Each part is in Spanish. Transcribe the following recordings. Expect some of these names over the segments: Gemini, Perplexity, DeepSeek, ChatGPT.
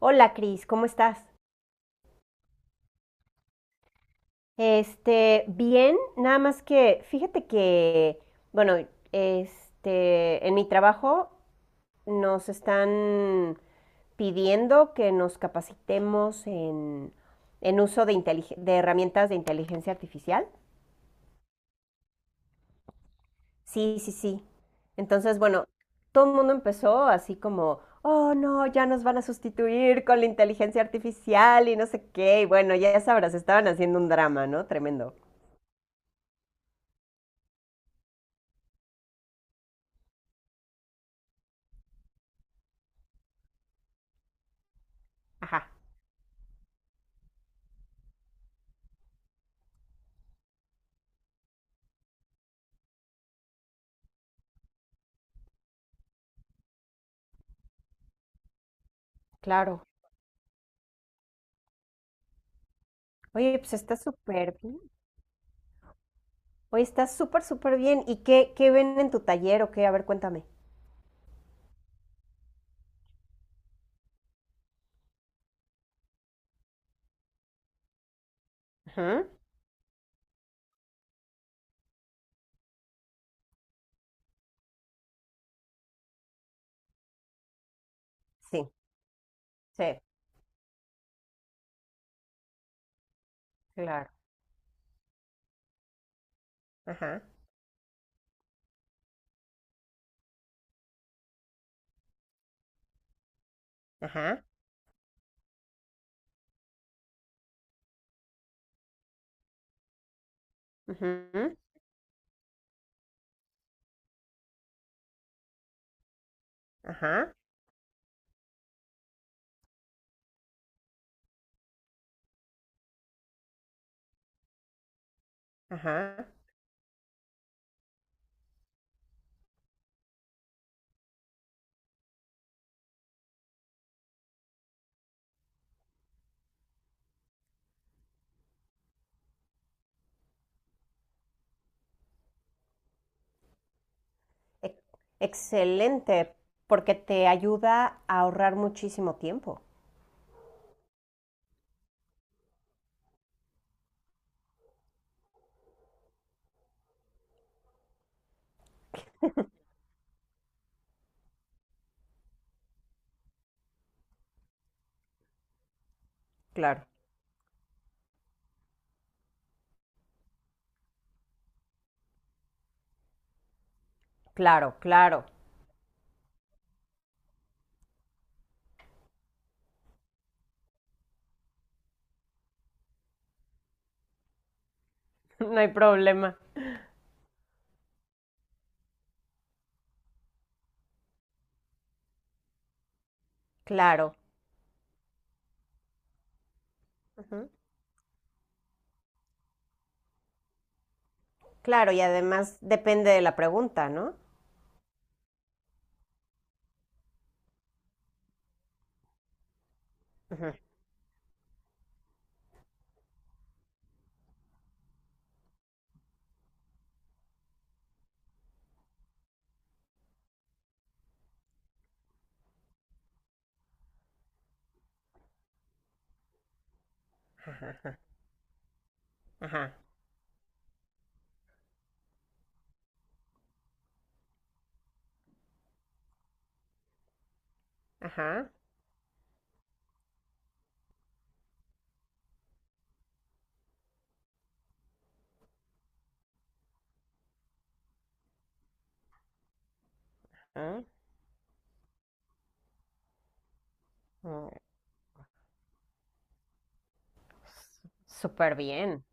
Hola, Cris, ¿cómo estás? Bien, nada más que fíjate que, bueno, en mi trabajo nos están pidiendo que nos capacitemos en uso de herramientas de inteligencia artificial. Sí, sí, sí. Entonces, bueno, todo el mundo empezó así como, oh no, ya nos van a sustituir con la inteligencia artificial y no sé qué. Y bueno, ya sabrás, estaban haciendo un drama, ¿no? Tremendo. Ajá. Claro. Oye, pues está súper bien. Oye, está súper, súper bien. ¿Y qué ven en tu taller o qué? A ver, cuéntame. Ajá. Sí, sí, claro. Ajá, ajá, ujú, ajá, ajá. Ex- Excelente, porque te ayuda a ahorrar muchísimo tiempo. Claro, claro, claro. No hay problema. Claro. Ujú. Claro, y además depende de la pregunta, ¿no? Ujú, ajá, ajá. Ah, mm, súper bien.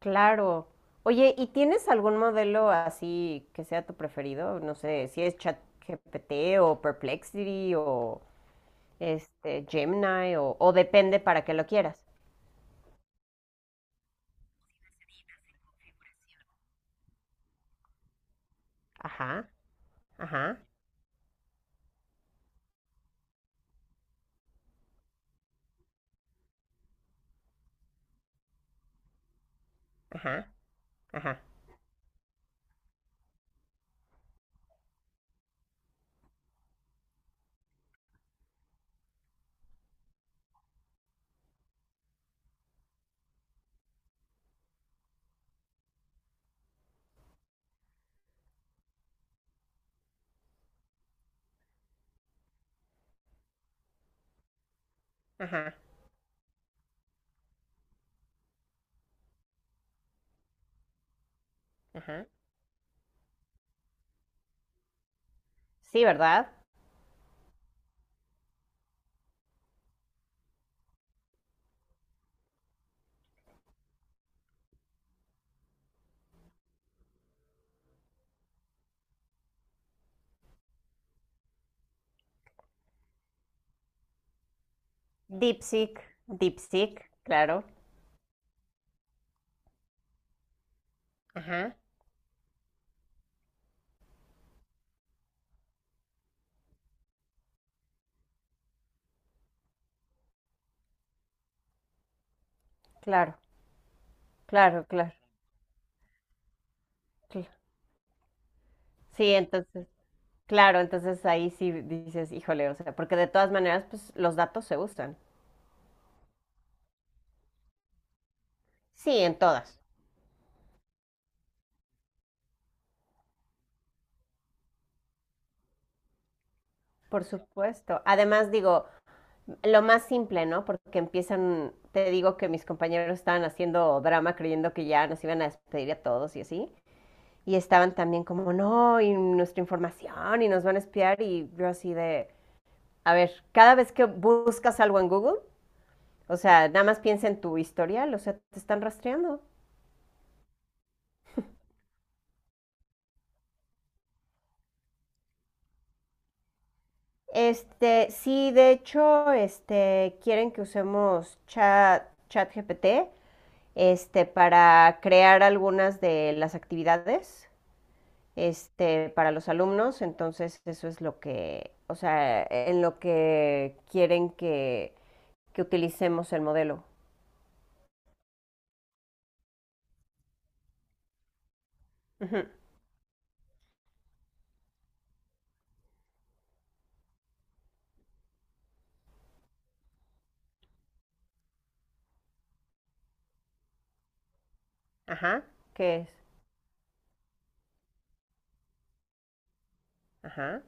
Claro. Oye, ¿y tienes algún modelo así que sea tu preferido? No sé, si es ChatGPT o Perplexity o este Gemini o depende para qué lo quieras. Ajá, ajá, ajá, ajá, ajá, ajá. Sí, ¿verdad? DeepSeek, DeepSeek, claro. Ajá. Claro, claro, claro. cl- Sí, entonces, claro, entonces ahí sí dices, híjole, o sea, porque de todas maneras, pues los datos se usan. Sí, en todas. Por supuesto. Además, digo, lo más simple, ¿no? Porque empiezan, te digo que mis compañeros estaban haciendo drama creyendo que ya nos iban a despedir a todos y así. Y estaban también como, no, y nuestra información, y nos van a espiar. Y yo así de, a ver, cada vez que buscas algo en Google, o sea, nada más piensa en tu historial, o sea, te están rastreando. Sí, de hecho, quieren que usemos chat GPT para crear algunas de las actividades para los alumnos. Entonces, eso es lo que, o sea, en lo que quieren que utilicemos el modelo. Ujú. Ajá, ¿qué es? Ajá,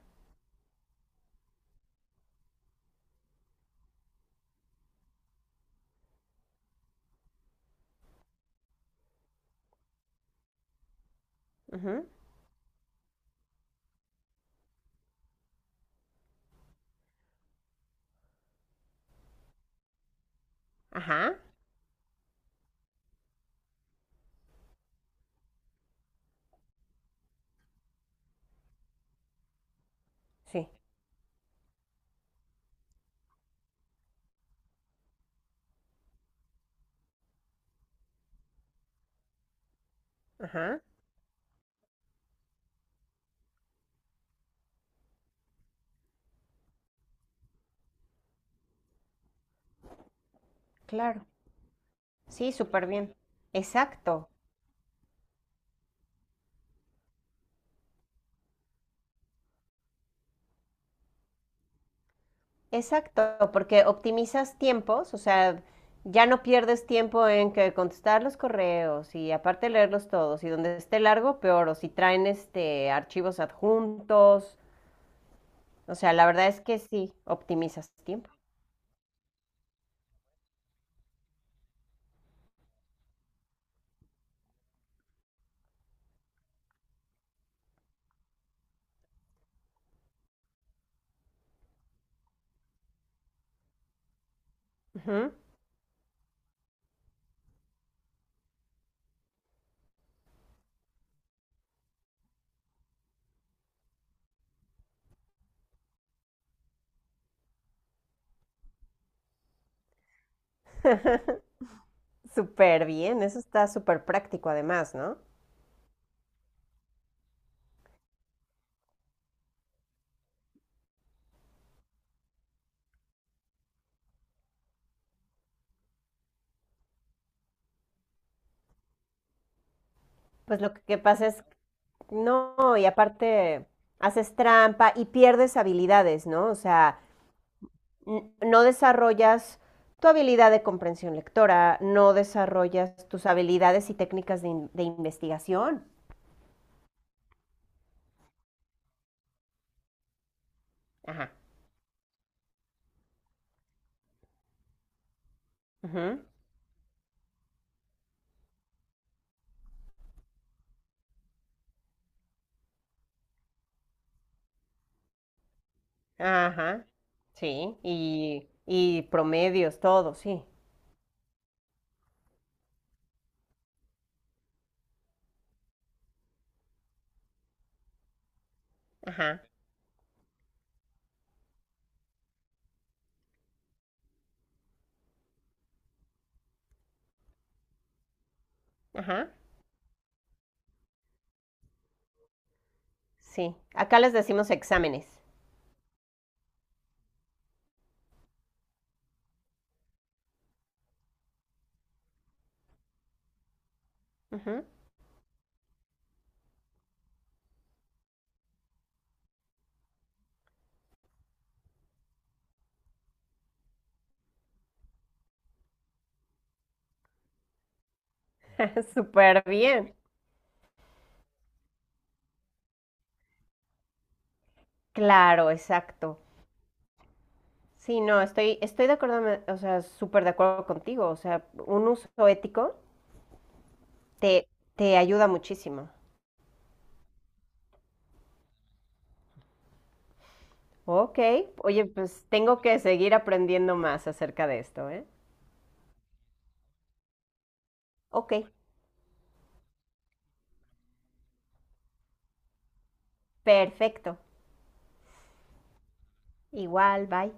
ujú, ajá, sí, ajá, claro. Sí, súper bien. Exacto. Exacto, porque optimizas tiempos, o sea, ya no pierdes tiempo en que contestar los correos y aparte leerlos todos y donde esté largo, peor, o si traen archivos adjuntos, o sea, la verdad es que sí, optimizas tiempo. Ujú. Súper bien, eso está súper práctico además, ¿no? Pues lo que pasa es, no, y aparte haces trampa y pierdes habilidades, ¿no? O sea, no desarrollas tu habilidad de comprensión lectora, no desarrollas tus habilidades y técnicas de investigación. Ajá. Ujú, ajá. Sí. Y promedios, todo, sí. Ajá. Ajá. Sí. Acá les decimos exámenes. Ujú. Súper bien. Claro, exacto. Sí, no, estoy de acuerdo, o sea, súper de acuerdo contigo. O sea, un uso ético te, te ayuda muchísimo. Ok, oye, pues tengo que seguir aprendiendo más acerca de esto, ¿eh? Ok, perfecto. Igual, bye.